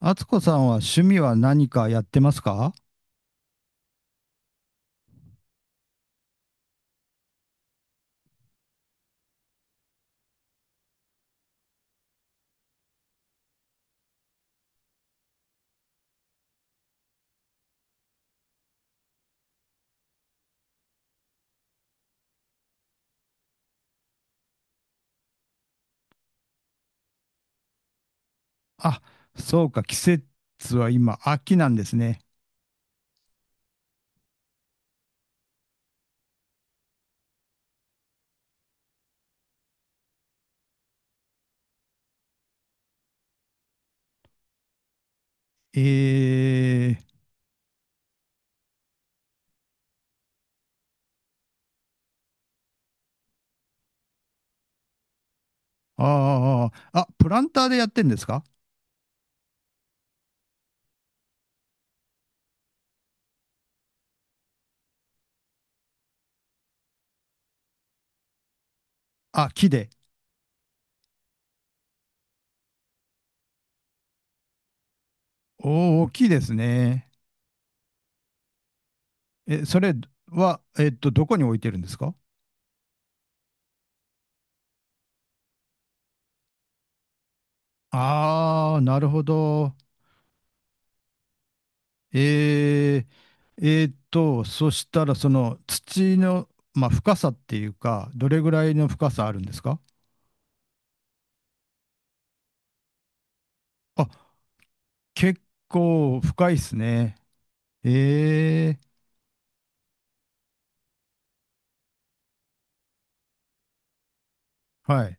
あつこさんは趣味は何かやってますか？あ、そうか、季節は今、秋なんですね。えー、あーあー、あプランターでやってんですか？あ、木で。おお、木ですね。え、それは、どこに置いてるんですか？ああー、なるほど。えそしたら、その土の、まあ、深さっていうか、どれぐらいの深さあるんですか？あ、結構深いですね。ええ、はい、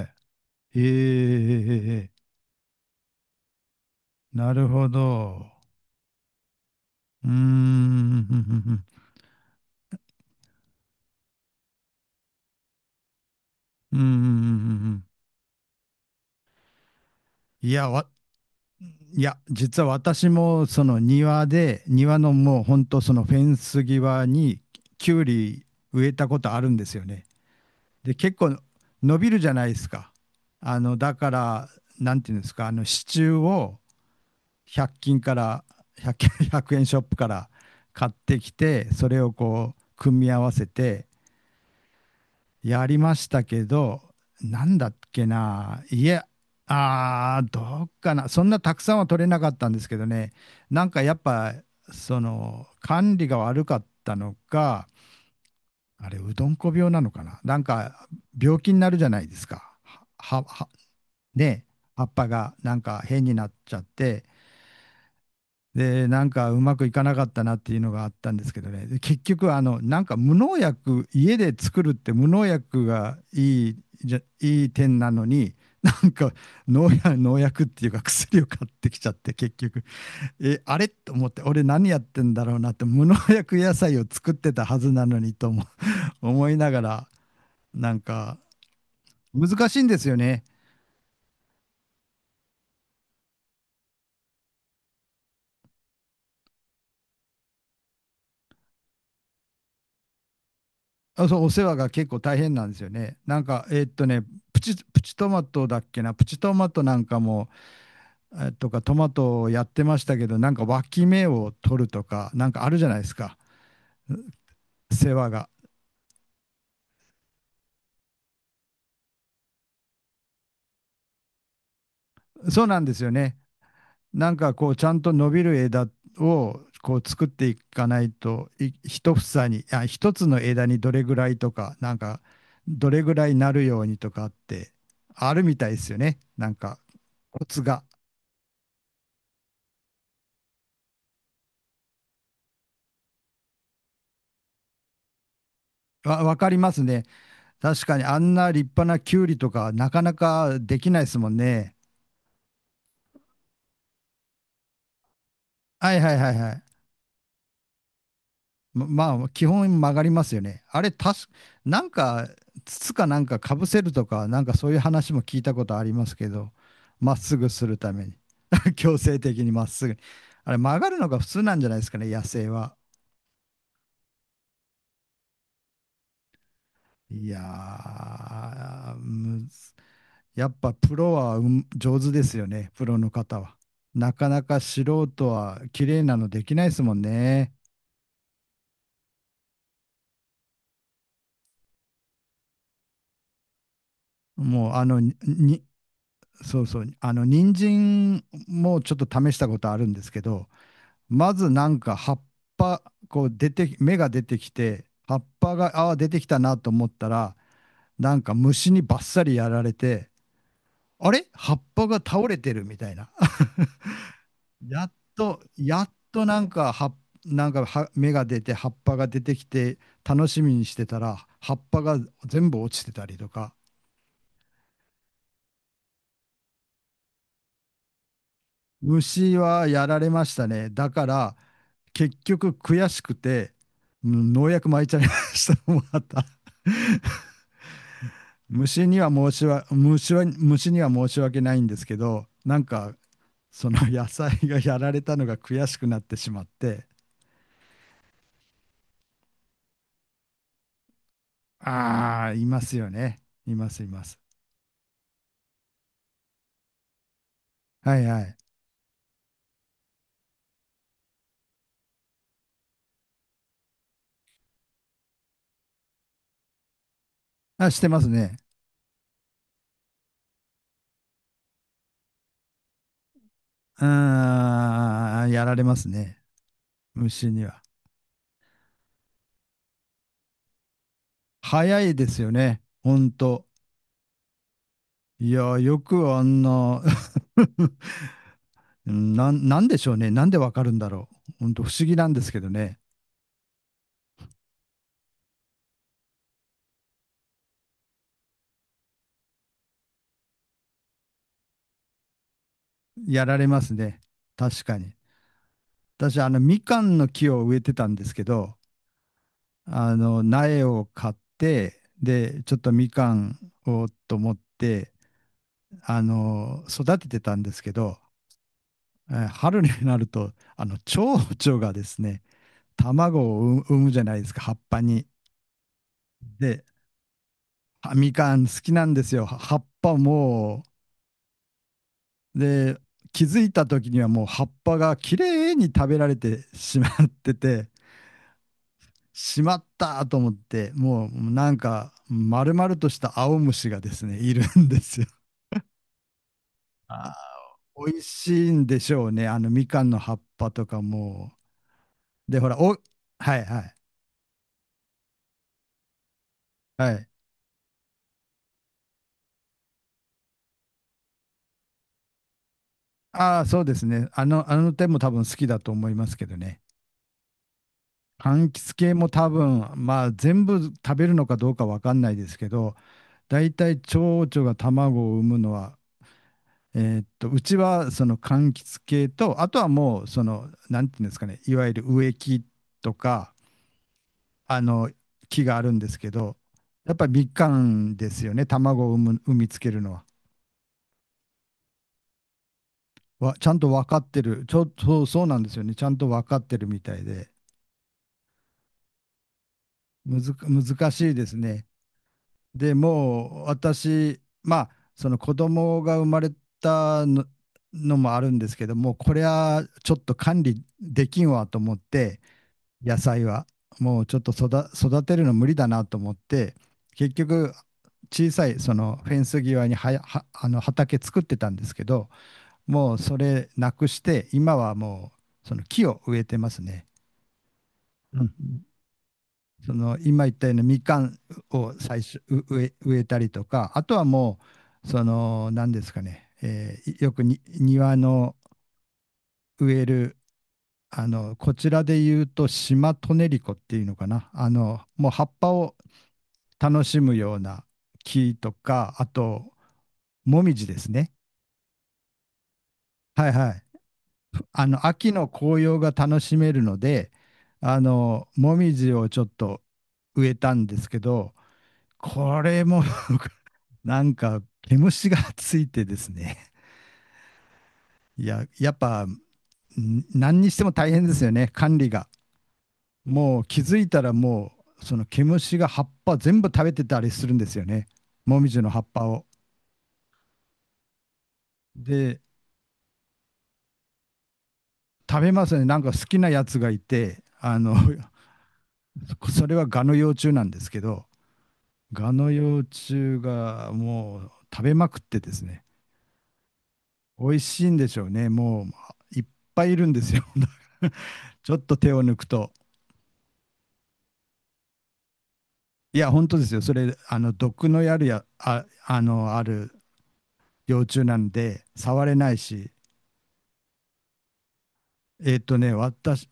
はい。ええええ、なるほど。うーん、ふんふんふん、うーん。いや、いや、実は私もその庭で、庭のもうほんとそのフェンス際にきゅうり植えたことあるんですよね。で、結構伸びるじゃないですか。あの、だから、なんていうんですか、あの支柱を、100均から1 0 円ショップから買ってきてそれをこう組み合わせてやりましたけど。なんだっけないや。あー、どうかな、そんなたくさんは取れなかったんですけどね。なんかやっぱその管理が悪かったのか、あれうどんこ病なのかな、なんか病気になるじゃないですか。はははね、葉っぱがなんか変になっちゃって、で、なんかうまくいかなかったなっていうのがあったんですけどね。で結局、あの、なんか無農薬、家で作るって無農薬がいい、じゃ、いい点なのに、なんか農薬、農薬っていうか薬を買ってきちゃって、結局、え、あれと思って、俺何やってんだろうなって、無農薬野菜を作ってたはずなのにとも 思いながら、なんか難しいんですよね。あ、そう、お世話が結構大変なんですよね。なんか、プチ、プチトマトだっけな、プチトマトなんかも、とかトマトをやってましたけど、なんか脇芽を取るとか、なんかあるじゃないですか、世話が。そうなんですよね。なんかこう、ちゃんと伸びる枝をこう作っていかないと、い一房に、あ、一つの枝にどれぐらいとか、なんかどれぐらいなるようにとかってあるみたいですよね。なんかコツが。わかりますね。確かにあんな立派なキュウリとかなかなかできないですもんね。はいはいはいはい。ま、まあ、基本曲がりますよね。あれ、なんか、筒かなんかかぶせるとか、なんかそういう話も聞いたことありますけど、まっすぐするために。強制的にまっすぐに。あれ、曲がるのが普通なんじゃないですかね、野生は。いやー、むずやっぱプロはうん上手ですよね、プロの方は。なかなか素人は綺麗なのできないですもんね。もうあのに、そうそう。あの、人参もちょっと試したことあるんですけど、まずなんか葉っぱ、こう出て、芽が出てきて、葉っぱが、あー出てきたなと思ったら、なんか虫にバッサリやられて、あれ葉っぱが倒れてるみたいな。やっと、やっとなんかなんかは芽が出て、葉っぱが出てきて、楽しみにしてたら、葉っぱが全部落ちてたりとか、虫はやられましたね。だから、結局悔しくて、農薬撒いちゃいましたもんまた 虫には申しわ虫は虫には申し訳ないんですけど、なんかその野菜がやられたのが悔しくなってしまって、ああ、いますよね。います、います。はいはい。あ、してますね。ああ、やられますね。虫には。早いですよね。ほんと。いや、よくあんな うん、なんでしょうね。なんでわかるんだろう。本当不思議なんですけどね。やられますね。確かに。私、あの、みかんの木を植えてたんですけど、あの、苗を買って、で、ちょっとみかんをと思って、あの、育ててたんですけど、春になると、あの、蝶々がですね、卵を産むじゃないですか、葉っぱに。で、あみかん好きなんですよ。葉っぱも、で、気づいた時にはもう葉っぱがきれいに食べられてしまってて、しまったと思って、もうなんか丸々とした青虫がですね、いるんですよ。あー美味しいんでしょうね、あのみかんの葉っぱとかも。で、ほら、はいはいはい。ああ、そうですね。あの点も多分好きだと思いますけどね。柑橘系も多分、まあ全部食べるのかどうかわかんないですけど、大体蝶々が卵を産むのはうちはその柑橘系と、あとはもうその、なんていうんですかね、いわゆる植木とか、あの、木があるんですけど、やっぱりみかんですよね、卵を産む、産みつけるのは。ちゃんと分かってる。ちょっと、そうなんですよね。ちゃんと分かってるみたいで、むずか、難しいですね。で、もう、私、まあ、その子供が生まれたのもあるんですけども、これはちょっと管理できんわと思って、野菜は。もうちょっと育てるの無理だなと思って、結局、小さいそのフェンス際にはあの畑作ってたんですけど、もうそれなくして、今はもうその木を植えてますね。うん。その今言ったようなみかんを最初う植え、植えたりとか、あとはもう、その何ですかね、よくに庭の植える、あの、こちらで言うとシマトネリコっていうのかな。あの、もう葉っぱを楽しむような木とか、あと、もみじですね。はいはい。あの、秋の紅葉が楽しめるので、あの、もみじをちょっと植えたんですけど、これも なんか、毛虫がついてですね。いや、やっぱ、何にしても大変ですよね、管理が。もう気づいたらもう、その毛虫が葉っぱ全部食べてたりするんですよね。もみじの葉っぱを。で、食べますね。なんか好きなやつがいて、あの それはガの幼虫なんですけど、ガの幼虫がもう食べまくってですね、美味しいんでしょうね。もういっぱいいるんですよ。ちょっと手を抜くと。いや、本当ですよ。それ、あの、毒のやるや、あ、あの、ある幼虫なんで、触れないし、私、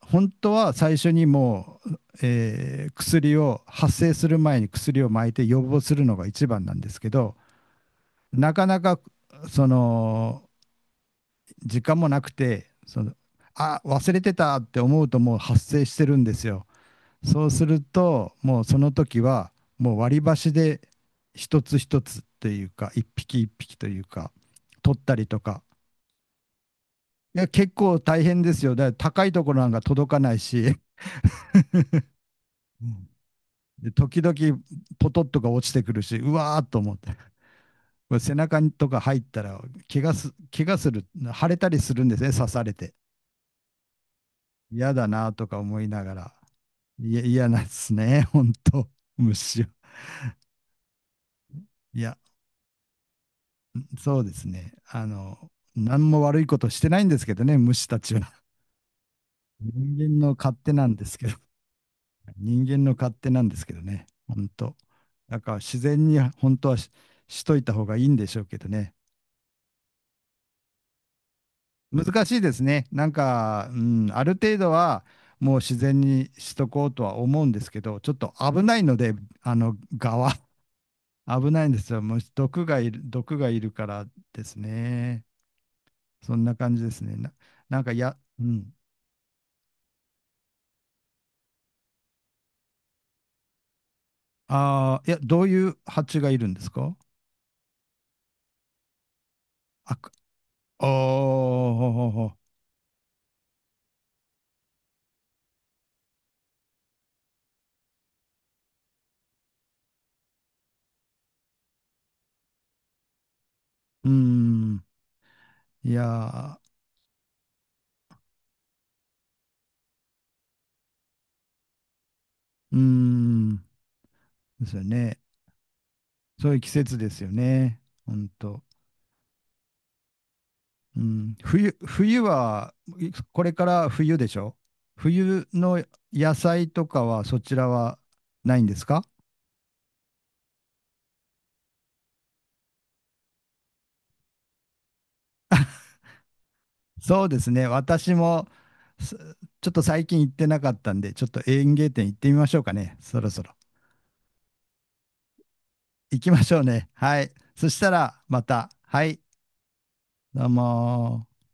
本当は最初にもう、薬を発生する前に薬をまいて予防するのが一番なんですけど、なかなかその時間もなくて、その、あ、忘れてたって思うともう発生してるんですよ。そうするともうその時はもう割り箸で一つ一つというか一匹一匹というか取ったりとか。いや、結構大変ですよ、だから高いところなんか届かないし。うん、で、時々ポトッとか落ちてくるし、うわーっと思って、これ背中とか入ったら、怪我する、腫れたりするんですね、刺されて。嫌だなとか思いながら、いや、嫌なんですね、本当虫は。いや、そうですね。あの、何も悪いことしてないんですけどね、虫たちは。人間の勝手なんですけど、人間の勝手なんですけどね、本当。だから自然に本当はしといた方がいいんでしょうけどね。難しいですね。なんか、うん、ある程度はもう自然にしとこうとは思うんですけど、ちょっと危ないので、あの、側、危ないんですよ。もう毒がいるからですね。そんな感じですね。なんか、や、うん。ああ、いや、どういう蜂がいるんですか？あ、くおー、ほほほ。うん。いやー、うん。ですよね。そういう季節ですよね。ほんと。うん、冬は、これから冬でしょ。冬の野菜とかはそちらはないんですか？そうですね。私も、すちょっと最近行ってなかったんで、ちょっと園芸店行ってみましょうかね。そろそろ。行きましょうね。はい。そしたらまた。はい。どうもー。